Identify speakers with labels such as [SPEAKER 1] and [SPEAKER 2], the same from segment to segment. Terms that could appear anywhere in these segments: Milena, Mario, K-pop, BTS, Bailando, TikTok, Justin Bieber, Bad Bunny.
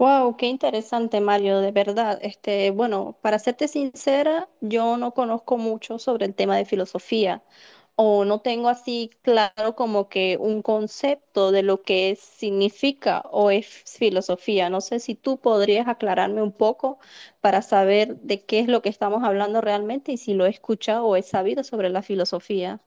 [SPEAKER 1] Wow, qué interesante, Mario, de verdad. Bueno, para serte sincera, yo no conozco mucho sobre el tema de filosofía o no tengo así claro como que un concepto de lo que significa o es filosofía. No sé si tú podrías aclararme un poco para saber de qué es lo que estamos hablando realmente y si lo he escuchado o he sabido sobre la filosofía.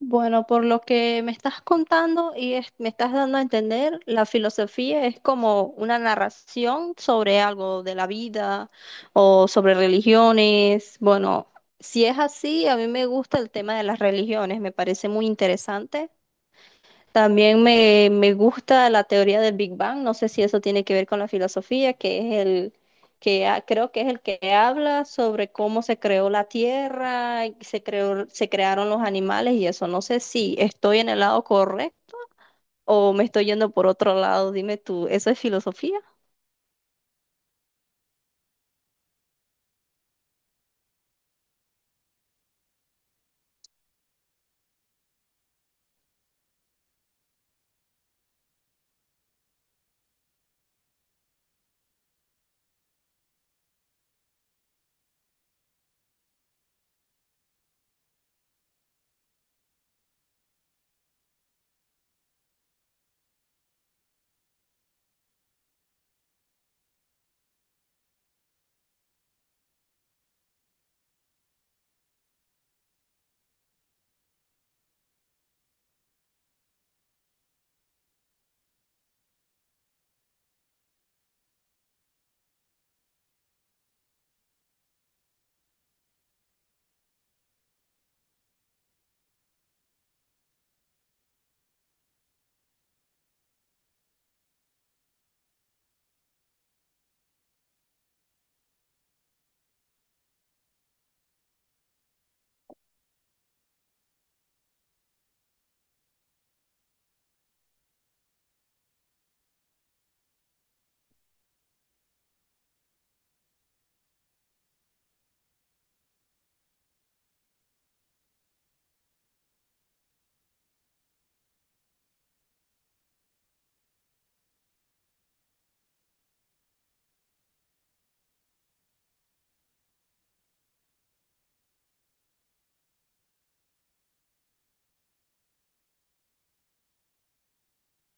[SPEAKER 1] Bueno, por lo que me estás contando y me estás dando a entender, la filosofía es como una narración sobre algo de la vida o sobre religiones. Bueno, si es así, a mí me gusta el tema de las religiones, me parece muy interesante. También me gusta la teoría del Big Bang. No sé si eso tiene que ver con la filosofía, que es el que creo que es el que habla sobre cómo se creó la Tierra, y se creó, se crearon los animales y eso. No sé si estoy en el lado correcto o me estoy yendo por otro lado. Dime tú, ¿eso es filosofía?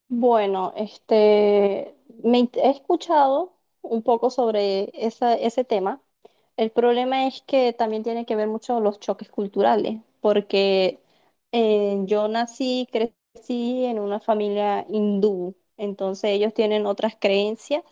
[SPEAKER 1] Bueno, he escuchado un poco sobre ese tema. El problema es que también tiene que ver mucho los choques culturales, porque yo nací, crecí en una familia hindú, entonces ellos tienen otras creencias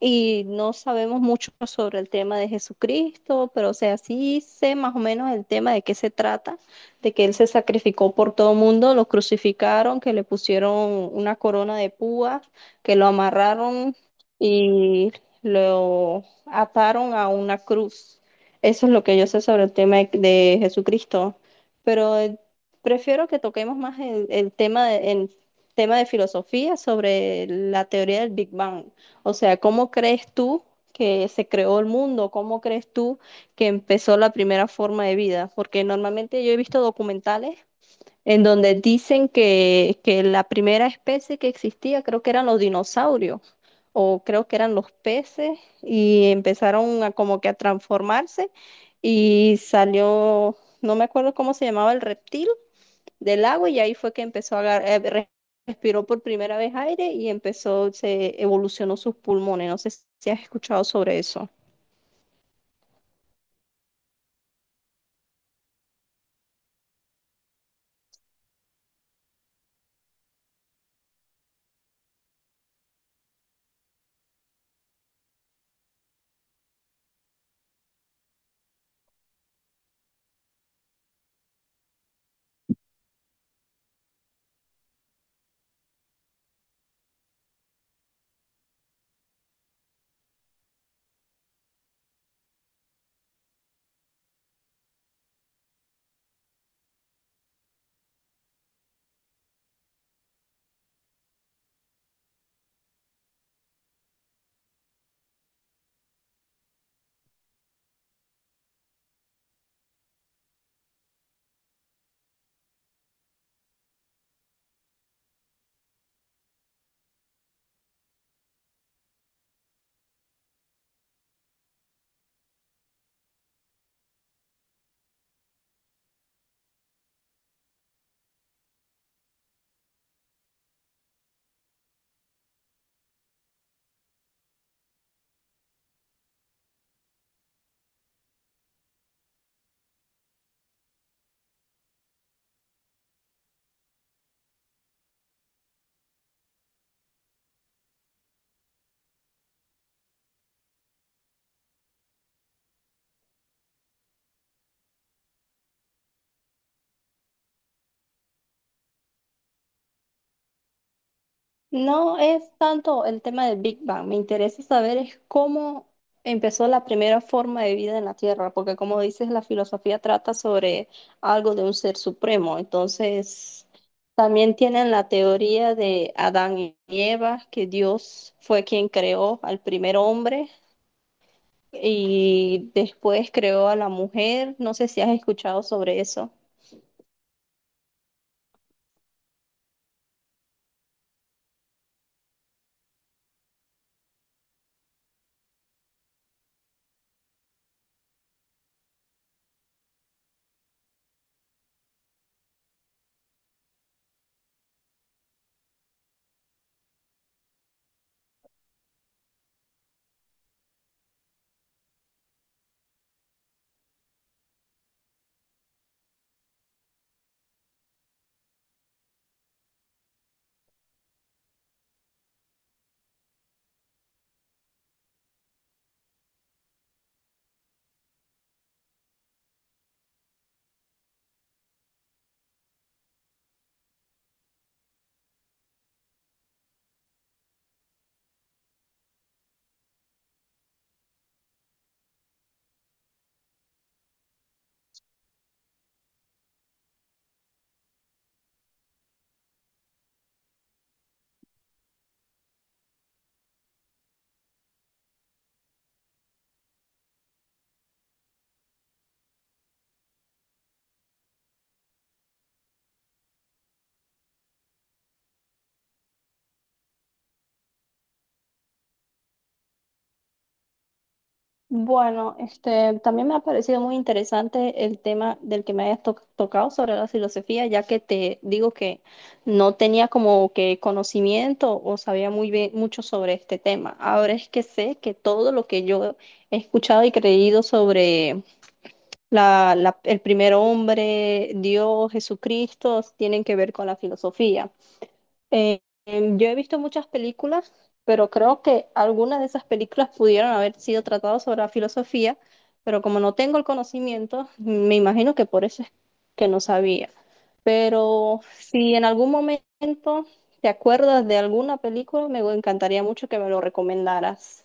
[SPEAKER 1] y no sabemos mucho sobre el tema de Jesucristo, pero o sea, sí sé más o menos el tema de qué se trata, de que él se sacrificó por todo el mundo, lo crucificaron, que le pusieron una corona de púas, que lo amarraron y lo ataron a una cruz. Eso es lo que yo sé sobre el tema de Jesucristo. Pero prefiero que toquemos más el tema de, en tema de filosofía sobre la teoría del Big Bang. O sea, ¿cómo crees tú que se creó el mundo? ¿Cómo crees tú que empezó la primera forma de vida? Porque normalmente yo he visto documentales en donde dicen que la primera especie que existía, creo que eran los dinosaurios, o creo que eran los peces, y empezaron a como que a transformarse y salió, no me acuerdo cómo se llamaba el reptil del agua, y ahí fue que empezó a respiró por primera vez aire y empezó, se evolucionó sus pulmones. No sé si has escuchado sobre eso. No es tanto el tema del Big Bang, me interesa saber es cómo empezó la primera forma de vida en la Tierra, porque como dices, la filosofía trata sobre algo de un ser supremo, entonces también tienen la teoría de Adán y Eva, que Dios fue quien creó al primer hombre y después creó a la mujer. No sé si has escuchado sobre eso. Bueno, también me ha parecido muy interesante el tema del que me hayas tocado sobre la filosofía, ya que te digo que no tenía como que conocimiento o sabía muy bien mucho sobre este tema. Ahora es que sé que todo lo que yo he escuchado y creído sobre el primer hombre, Dios, Jesucristo, tienen que ver con la filosofía. Yo he visto muchas películas, pero creo que algunas de esas películas pudieron haber sido tratadas sobre la filosofía, pero como no tengo el conocimiento, me imagino que por eso es que no sabía. Pero si en algún momento te acuerdas de alguna película, me encantaría mucho que me lo recomendaras.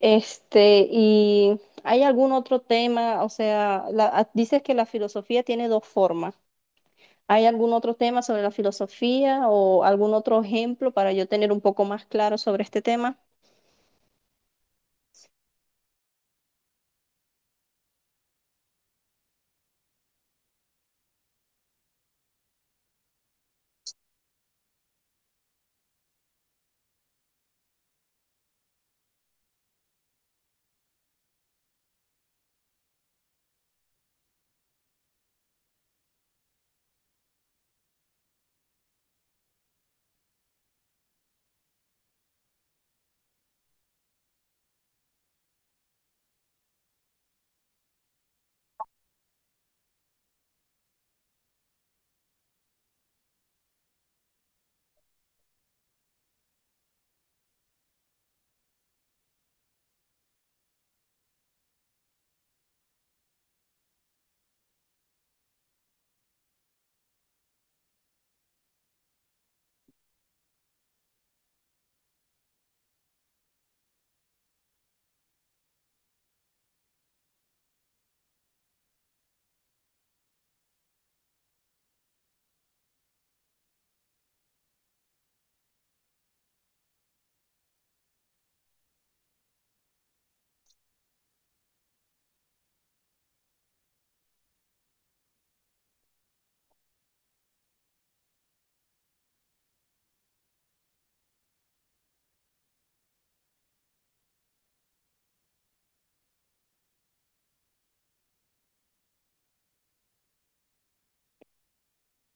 [SPEAKER 1] Este, ¿y hay algún otro tema? O sea, dices que la filosofía tiene dos formas. ¿Hay algún otro tema sobre la filosofía o algún otro ejemplo para yo tener un poco más claro sobre este tema?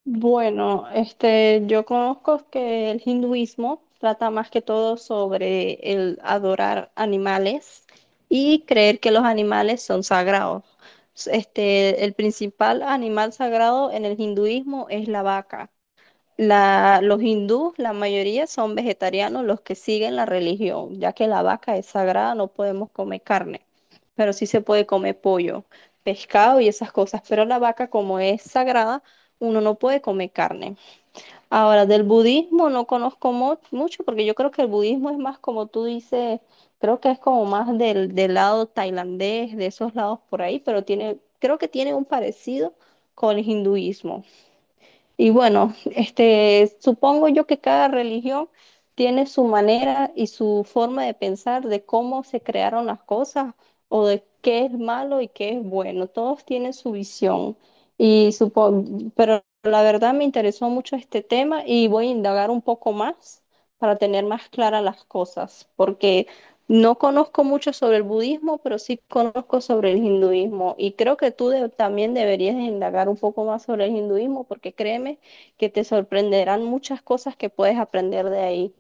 [SPEAKER 1] Bueno, este, yo conozco que el hinduismo trata más que todo sobre el adorar animales y creer que los animales son sagrados. Este, el principal animal sagrado en el hinduismo es la vaca. La, los hindús, la mayoría son vegetarianos los que siguen la religión, ya que la vaca es sagrada, no podemos comer carne, pero sí se puede comer pollo, pescado y esas cosas, pero la vaca como es sagrada, uno no puede comer carne. Ahora, del budismo no conozco mucho porque yo creo que el budismo es más como tú dices, creo que es como más del lado tailandés, de esos lados por ahí, pero tiene, creo que tiene un parecido con el hinduismo. Y bueno, este, supongo yo que cada religión tiene su manera y su forma de pensar de cómo se crearon las cosas o de qué es malo y qué es bueno. Todos tienen su visión. Y pero la verdad me interesó mucho este tema y voy a indagar un poco más para tener más claras las cosas, porque no conozco mucho sobre el budismo, pero sí conozco sobre el hinduismo y creo que tú también deberías indagar un poco más sobre el hinduismo porque créeme que te sorprenderán muchas cosas que puedes aprender de ahí.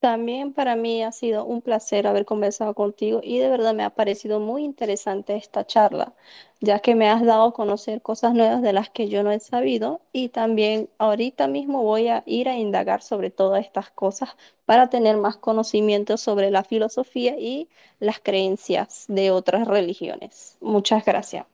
[SPEAKER 1] También para mí ha sido un placer haber conversado contigo y de verdad me ha parecido muy interesante esta charla, ya que me has dado a conocer cosas nuevas de las que yo no he sabido y también ahorita mismo voy a ir a indagar sobre todas estas cosas para tener más conocimiento sobre la filosofía y las creencias de otras religiones. Muchas gracias.